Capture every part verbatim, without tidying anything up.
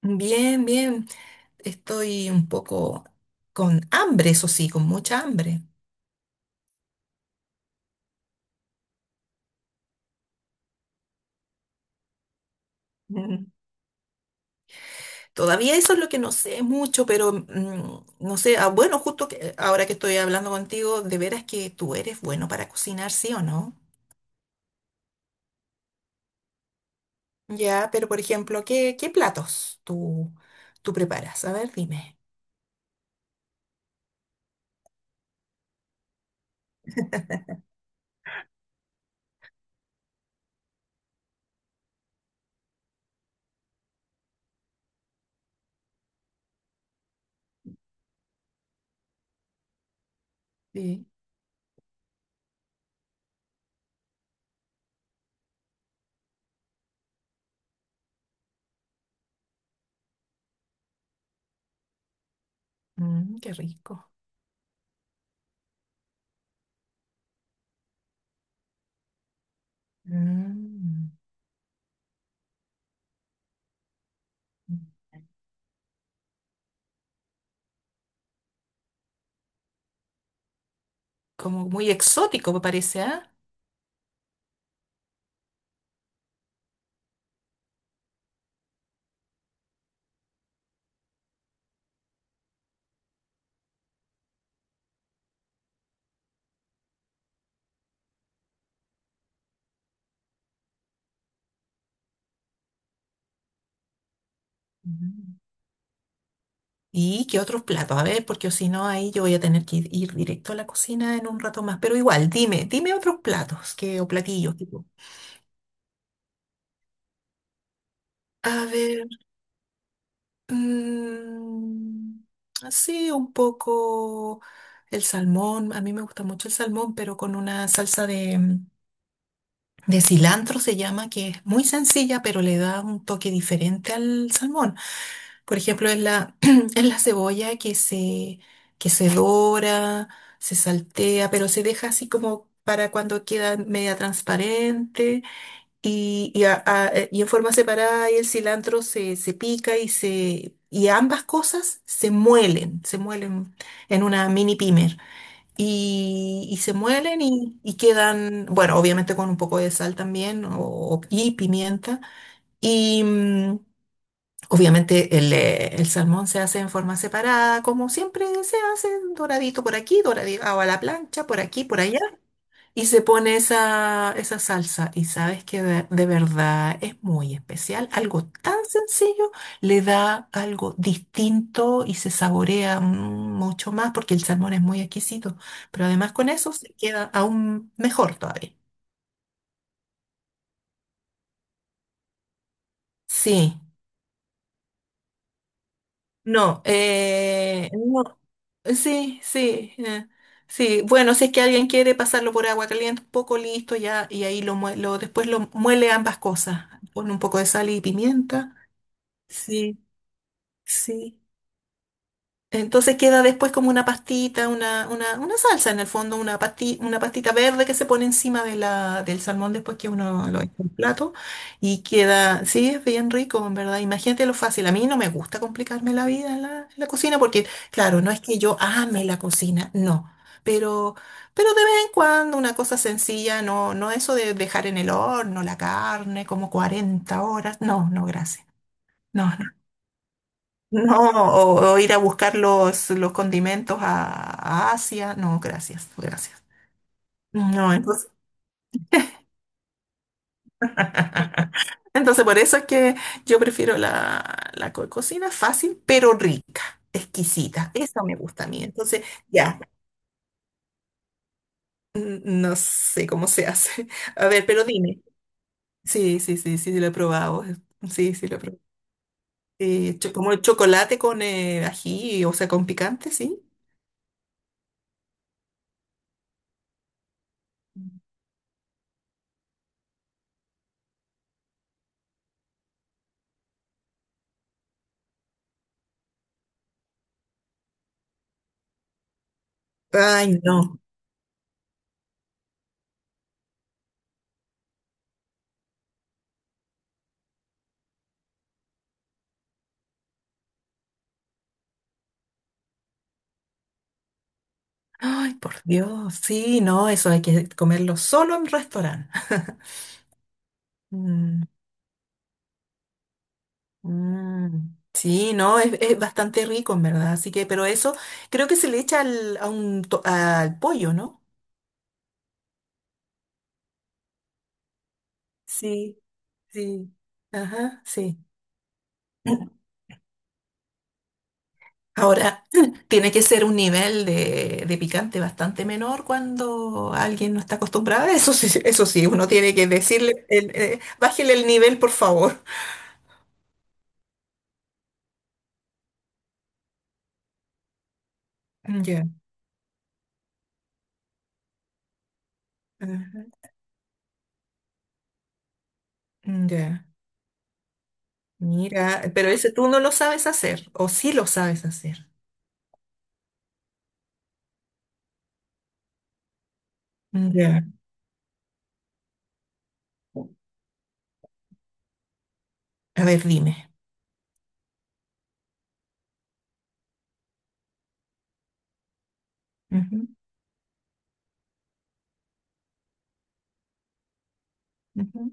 Bien, bien. Estoy un poco con hambre, eso sí, con mucha hambre. Mm. Todavía eso es lo que no sé mucho, pero mm, no sé, ah, bueno, justo que, eh, ahora que estoy hablando contigo, de veras que tú eres bueno para cocinar, ¿sí o no? Ya, pero por ejemplo, ¿qué, qué platos tú, tú preparas? A ver, dime. Sí. Mm, qué rico. Mm. Como muy exótico, me parece, ¿ah? ¿Y qué otros platos? A ver, porque si no, ahí yo voy a tener que ir, ir directo a la cocina en un rato más. Pero igual, dime, dime otros platos que, o platillos, tipo. A ver, mm, sí, un poco el salmón. A mí me gusta mucho el salmón, pero con una salsa de, mm, de cilantro se llama, que es muy sencilla, pero le da un toque diferente al salmón. Por ejemplo, es la, es la cebolla que se, que se dora, se saltea, pero se deja así como para cuando queda media transparente y, y, a- a- eh, y en forma separada y el cilantro se, se pica y se y ambas cosas se muelen, se muelen en una mini pimer y, y se muelen y, y quedan, bueno, obviamente con un poco de sal también o, y pimienta. y mm, Obviamente el, eh, el salmón se hace en forma separada, como siempre se hace, doradito por aquí, doradito a la plancha, por aquí, por allá, y se pone esa, esa salsa. Y sabes que de, de verdad es muy especial. Algo tan sencillo le da algo distinto y se saborea mm, mucho más porque el salmón es muy exquisito. Pero además con eso se queda aún mejor todavía. Sí. No, eh, no, sí, sí, eh, sí. Bueno, si es que alguien quiere pasarlo por agua caliente, un poco listo ya, y ahí lo, mue- lo después lo muele ambas cosas. Pone un poco de sal y pimienta. Sí, sí. Entonces queda después como una pastita, una, una, una salsa en el fondo, una pasti- una pastita verde que se pone encima de la, del salmón después que uno lo echa en plato y queda, sí, es bien rico, en verdad. Imagínate lo fácil. A mí no me gusta complicarme la vida en la, en la cocina porque, claro, no es que yo ame la cocina, no. Pero, pero de vez en cuando una cosa sencilla, no, no eso de dejar en el horno la carne como cuarenta horas. No, no, gracias. No, no. No, o, o ir a buscar los, los condimentos a, a Asia. No, gracias, gracias. No, entonces, entonces por eso es que yo prefiero la, la co- cocina fácil, pero rica, exquisita. Eso me gusta a mí. Entonces, ya, n- no sé cómo se hace. A ver, pero dime. Sí, sí, sí, sí, lo he probado. Sí, sí, lo he probado. Eh, cho- como el chocolate con eh, ají, o sea, con picante, sí. Ay, no. Ay, por Dios, sí, no, eso hay que comerlo solo en restaurante. Mm, mm. Sí, no, es, es bastante rico, en verdad. Así que, pero eso creo que se le echa al, a un to- al pollo, ¿no? Sí, sí. Ajá, sí. Ahora, tiene que ser un nivel de, de picante bastante menor cuando alguien no está acostumbrado a eso. Sí, sí, eso sí, uno tiene que decirle, el, eh, bájele el nivel, por favor. Ya, ajá, ya. Mira, pero ese tú no lo sabes hacer, o sí lo sabes hacer. Ya. A ver, dime. Ujú, ujú,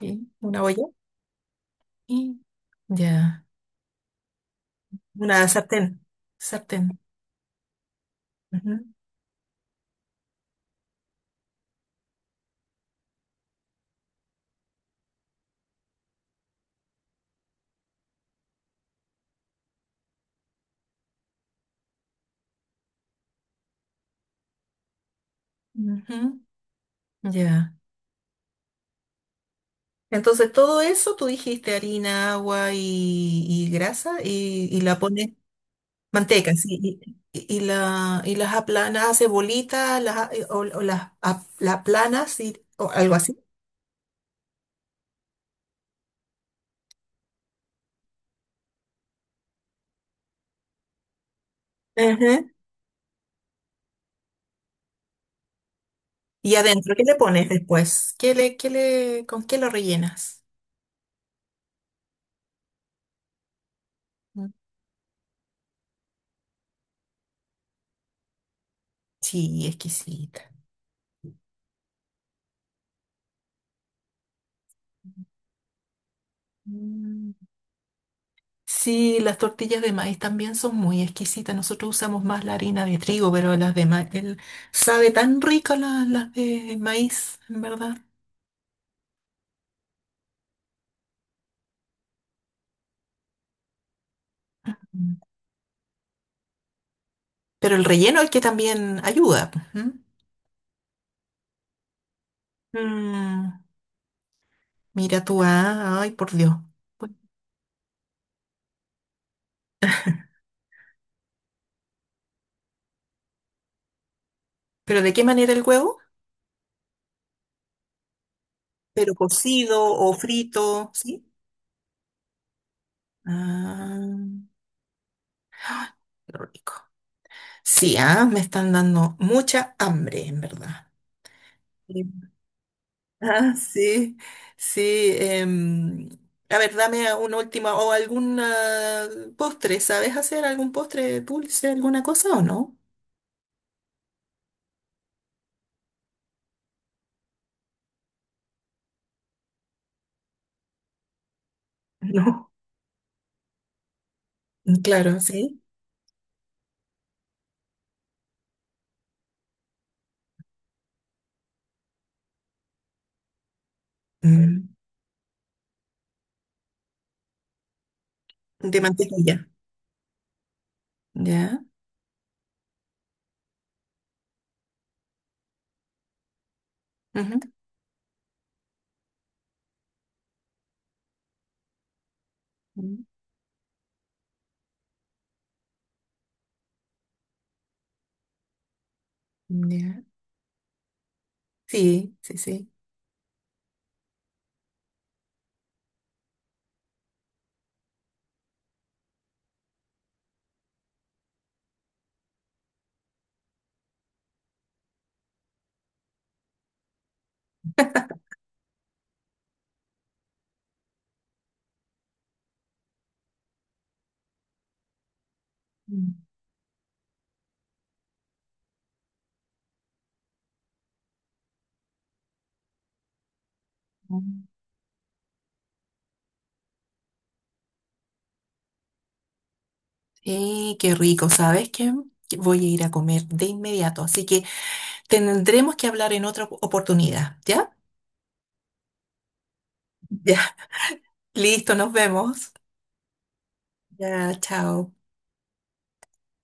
sí, una olla. Y ya. Una sartén. Sartén. Ujú, ujú, ya. Entonces, todo eso tú dijiste harina, agua y, y grasa y, y la pones, manteca, sí, y, y- y la, y las aplanas, haces bolitas, las, a- o, o las, a- las aplanas y, o algo así. ¿Y adentro qué le pones después? ¿Qué le, qué le, ¿con qué lo rellenas? Mm, sí, exquisita. Mm. Sí, las tortillas de maíz también son muy exquisitas. Nosotros usamos más la harina de trigo, pero las de maíz, sabe tan rico la- las de maíz, en verdad. Mm. Pero el relleno es que también ayuda. Pues, ¿m? Mm, mira tú, ah, ay, por Dios. Pues, ¿pero de qué manera el huevo? ¿Pero cocido o frito? ¿Sí? Ah, qué rico. Sí, ah, me están dando mucha hambre, en verdad. Sí. Ah, sí, sí. em, a ver, dame una última o algún ah, postre. ¿Sabes hacer algún postre dulce, alguna cosa o no? No. Claro, sí. Mm, de mantequilla. Ya. Ujú. Mm, ya. Sí, sí, sí. Mm. Mm. Sí, qué rico. ¿Sabes qué? Que voy a ir a comer de inmediato, así que tendremos que hablar en otra oportunidad, ¿ya? Ya, listo, nos vemos. Ya, chao.